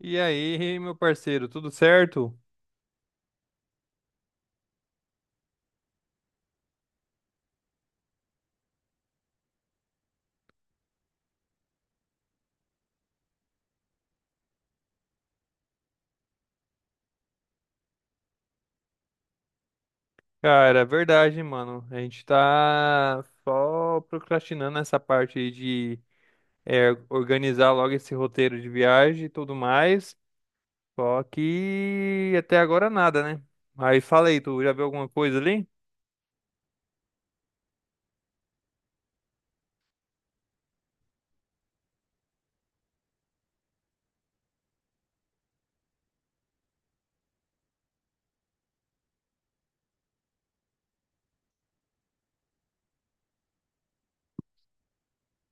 E aí, meu parceiro, tudo certo? Cara, é verdade, mano. A gente tá só procrastinando essa parte aí de organizar logo esse roteiro de viagem e tudo mais. Só que até agora nada, né? Mas fala aí, tu já viu alguma coisa ali?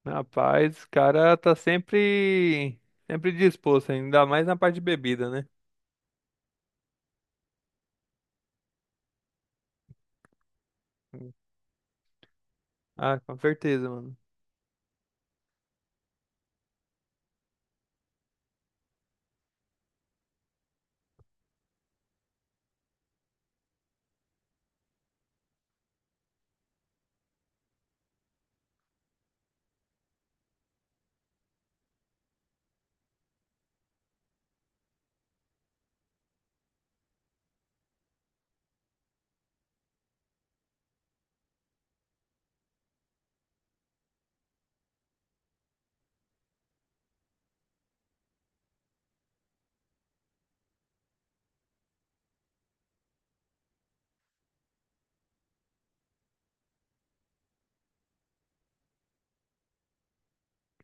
Rapaz, o cara tá sempre disposto, ainda mais na parte de bebida, né? Ah, com certeza, mano.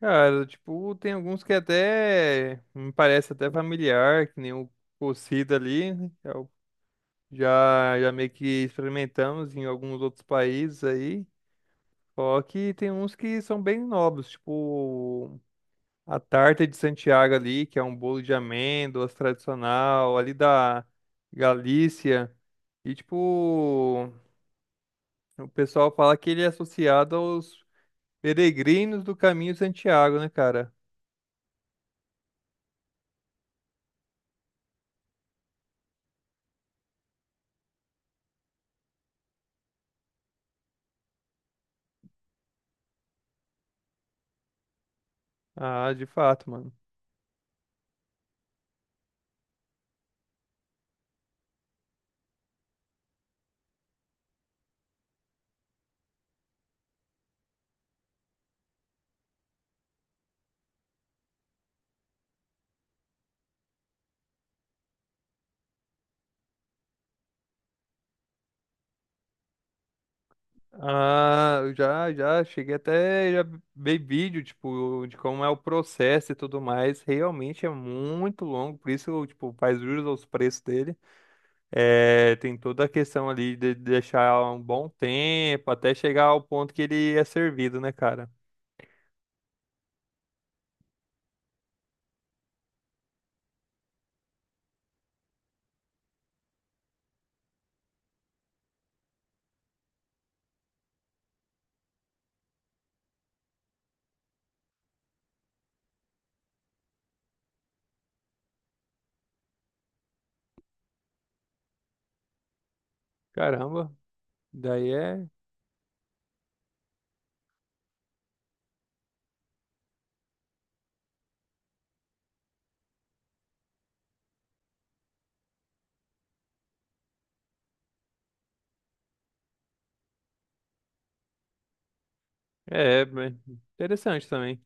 Cara, tipo, tem alguns que até me parece até familiar, que nem o cocido ali, né? Já, já meio que experimentamos em alguns outros países aí. Só que tem uns que são bem novos, tipo a tarta de Santiago ali, que é um bolo de amêndoas tradicional, ali da Galícia. E tipo, o pessoal fala que ele é associado aos peregrinos do Caminho de Santiago, né, cara? Ah, de fato, mano. Ah, já cheguei já vi vídeo, tipo, de como é o processo e tudo mais. Realmente é muito longo, por isso, tipo, faz jus aos preços dele. É, tem toda a questão ali de deixar um bom tempo até chegar ao ponto que ele é servido, né, cara? Caramba, daí é, é, bem interessante também.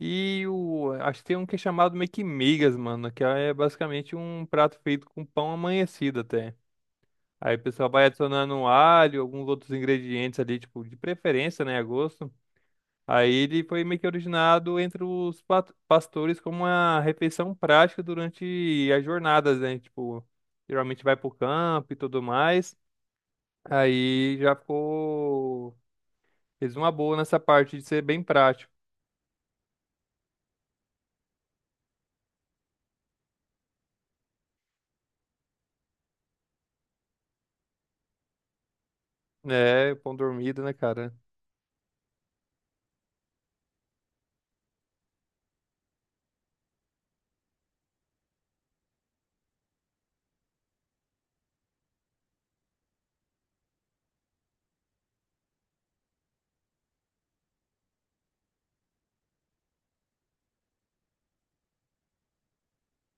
E acho que tem um que é chamado meio que migas, mano, que é basicamente um prato feito com pão amanhecido até. Aí o pessoal vai adicionando um alho, alguns outros ingredientes ali, tipo, de preferência, né, a gosto. Aí ele foi meio que originado entre os pastores como uma refeição prática durante as jornadas, né? Tipo, geralmente vai pro campo e tudo mais. Aí já ficou... Fez uma boa nessa parte de ser bem prático, né? Pão dormido, né, cara?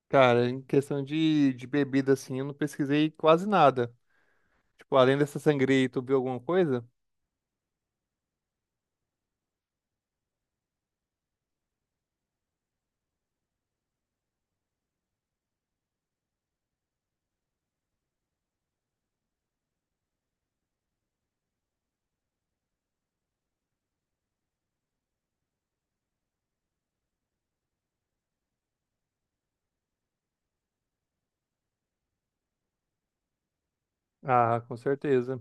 Cara, em questão de bebida, assim, eu não pesquisei quase nada. Tipo, além dessa sangria, tu viu alguma coisa? Ah, com certeza.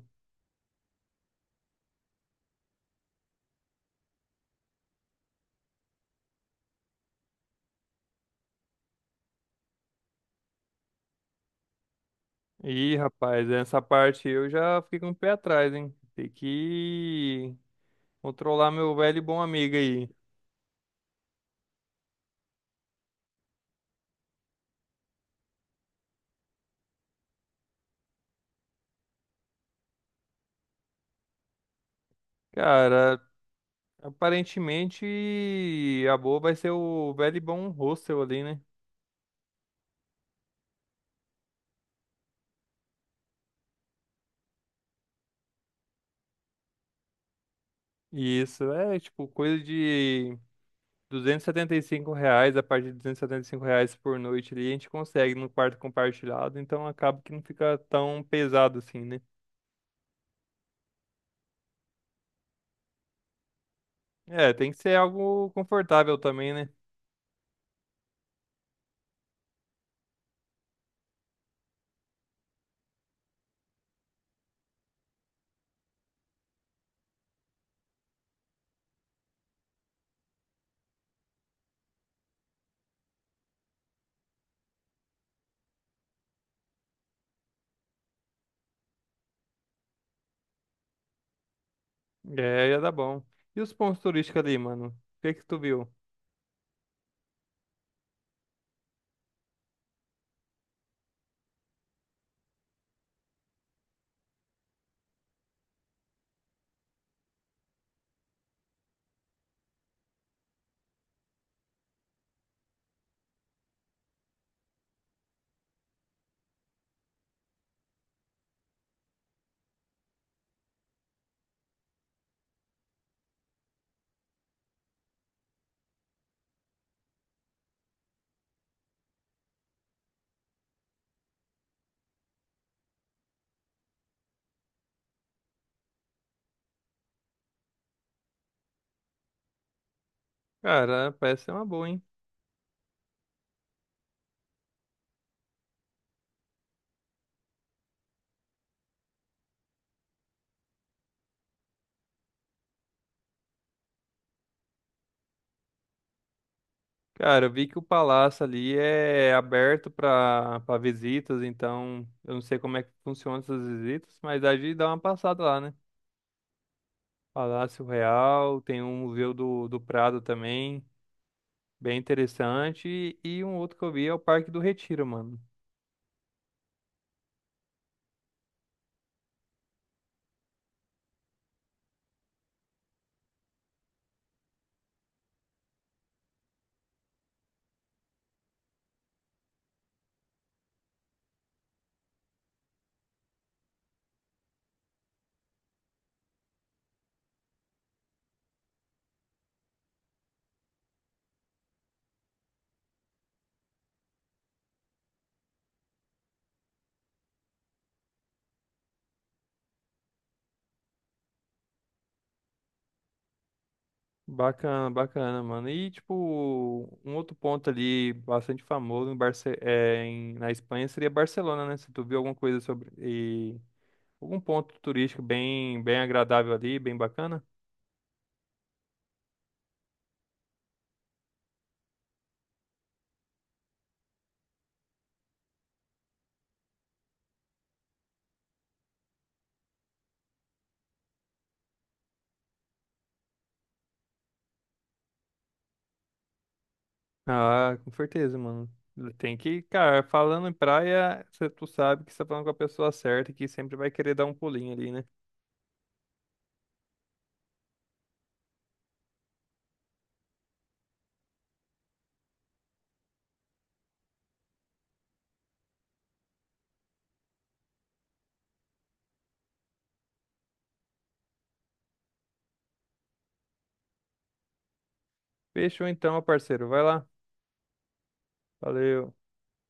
Ih, rapaz, essa parte eu já fiquei com o pé atrás, hein? Tem que controlar meu velho e bom amigo aí. Cara, aparentemente a boa vai ser o velho e bom hostel ali, né? E isso é tipo coisa de R$ 275, a partir de R$ 275 por noite ali, a gente consegue no quarto compartilhado, então acaba que não fica tão pesado assim, né? É, tem que ser algo confortável também, né? É, ia dar bom. E os pontos turísticos ali, mano? O que que tu viu? Cara, parece ser uma boa, hein? Cara, eu vi que o palácio ali é aberto para visitas, então eu não sei como é que funcionam essas visitas, mas a gente dá uma passada lá, né? Palácio Real, tem um museu do Prado também, bem interessante, e um outro que eu vi é o Parque do Retiro, mano. Bacana, bacana, mano. E, tipo, um outro ponto ali bastante famoso em na Espanha seria Barcelona, né? Se tu viu alguma coisa sobre. E, algum ponto turístico bem agradável ali, bem bacana. Ah, com certeza, mano. Tem que, cara, falando em praia, tu sabe que você tá falando com a pessoa certa e que sempre vai querer dar um pulinho ali, né? Fechou então, meu parceiro. Vai lá. Valeu.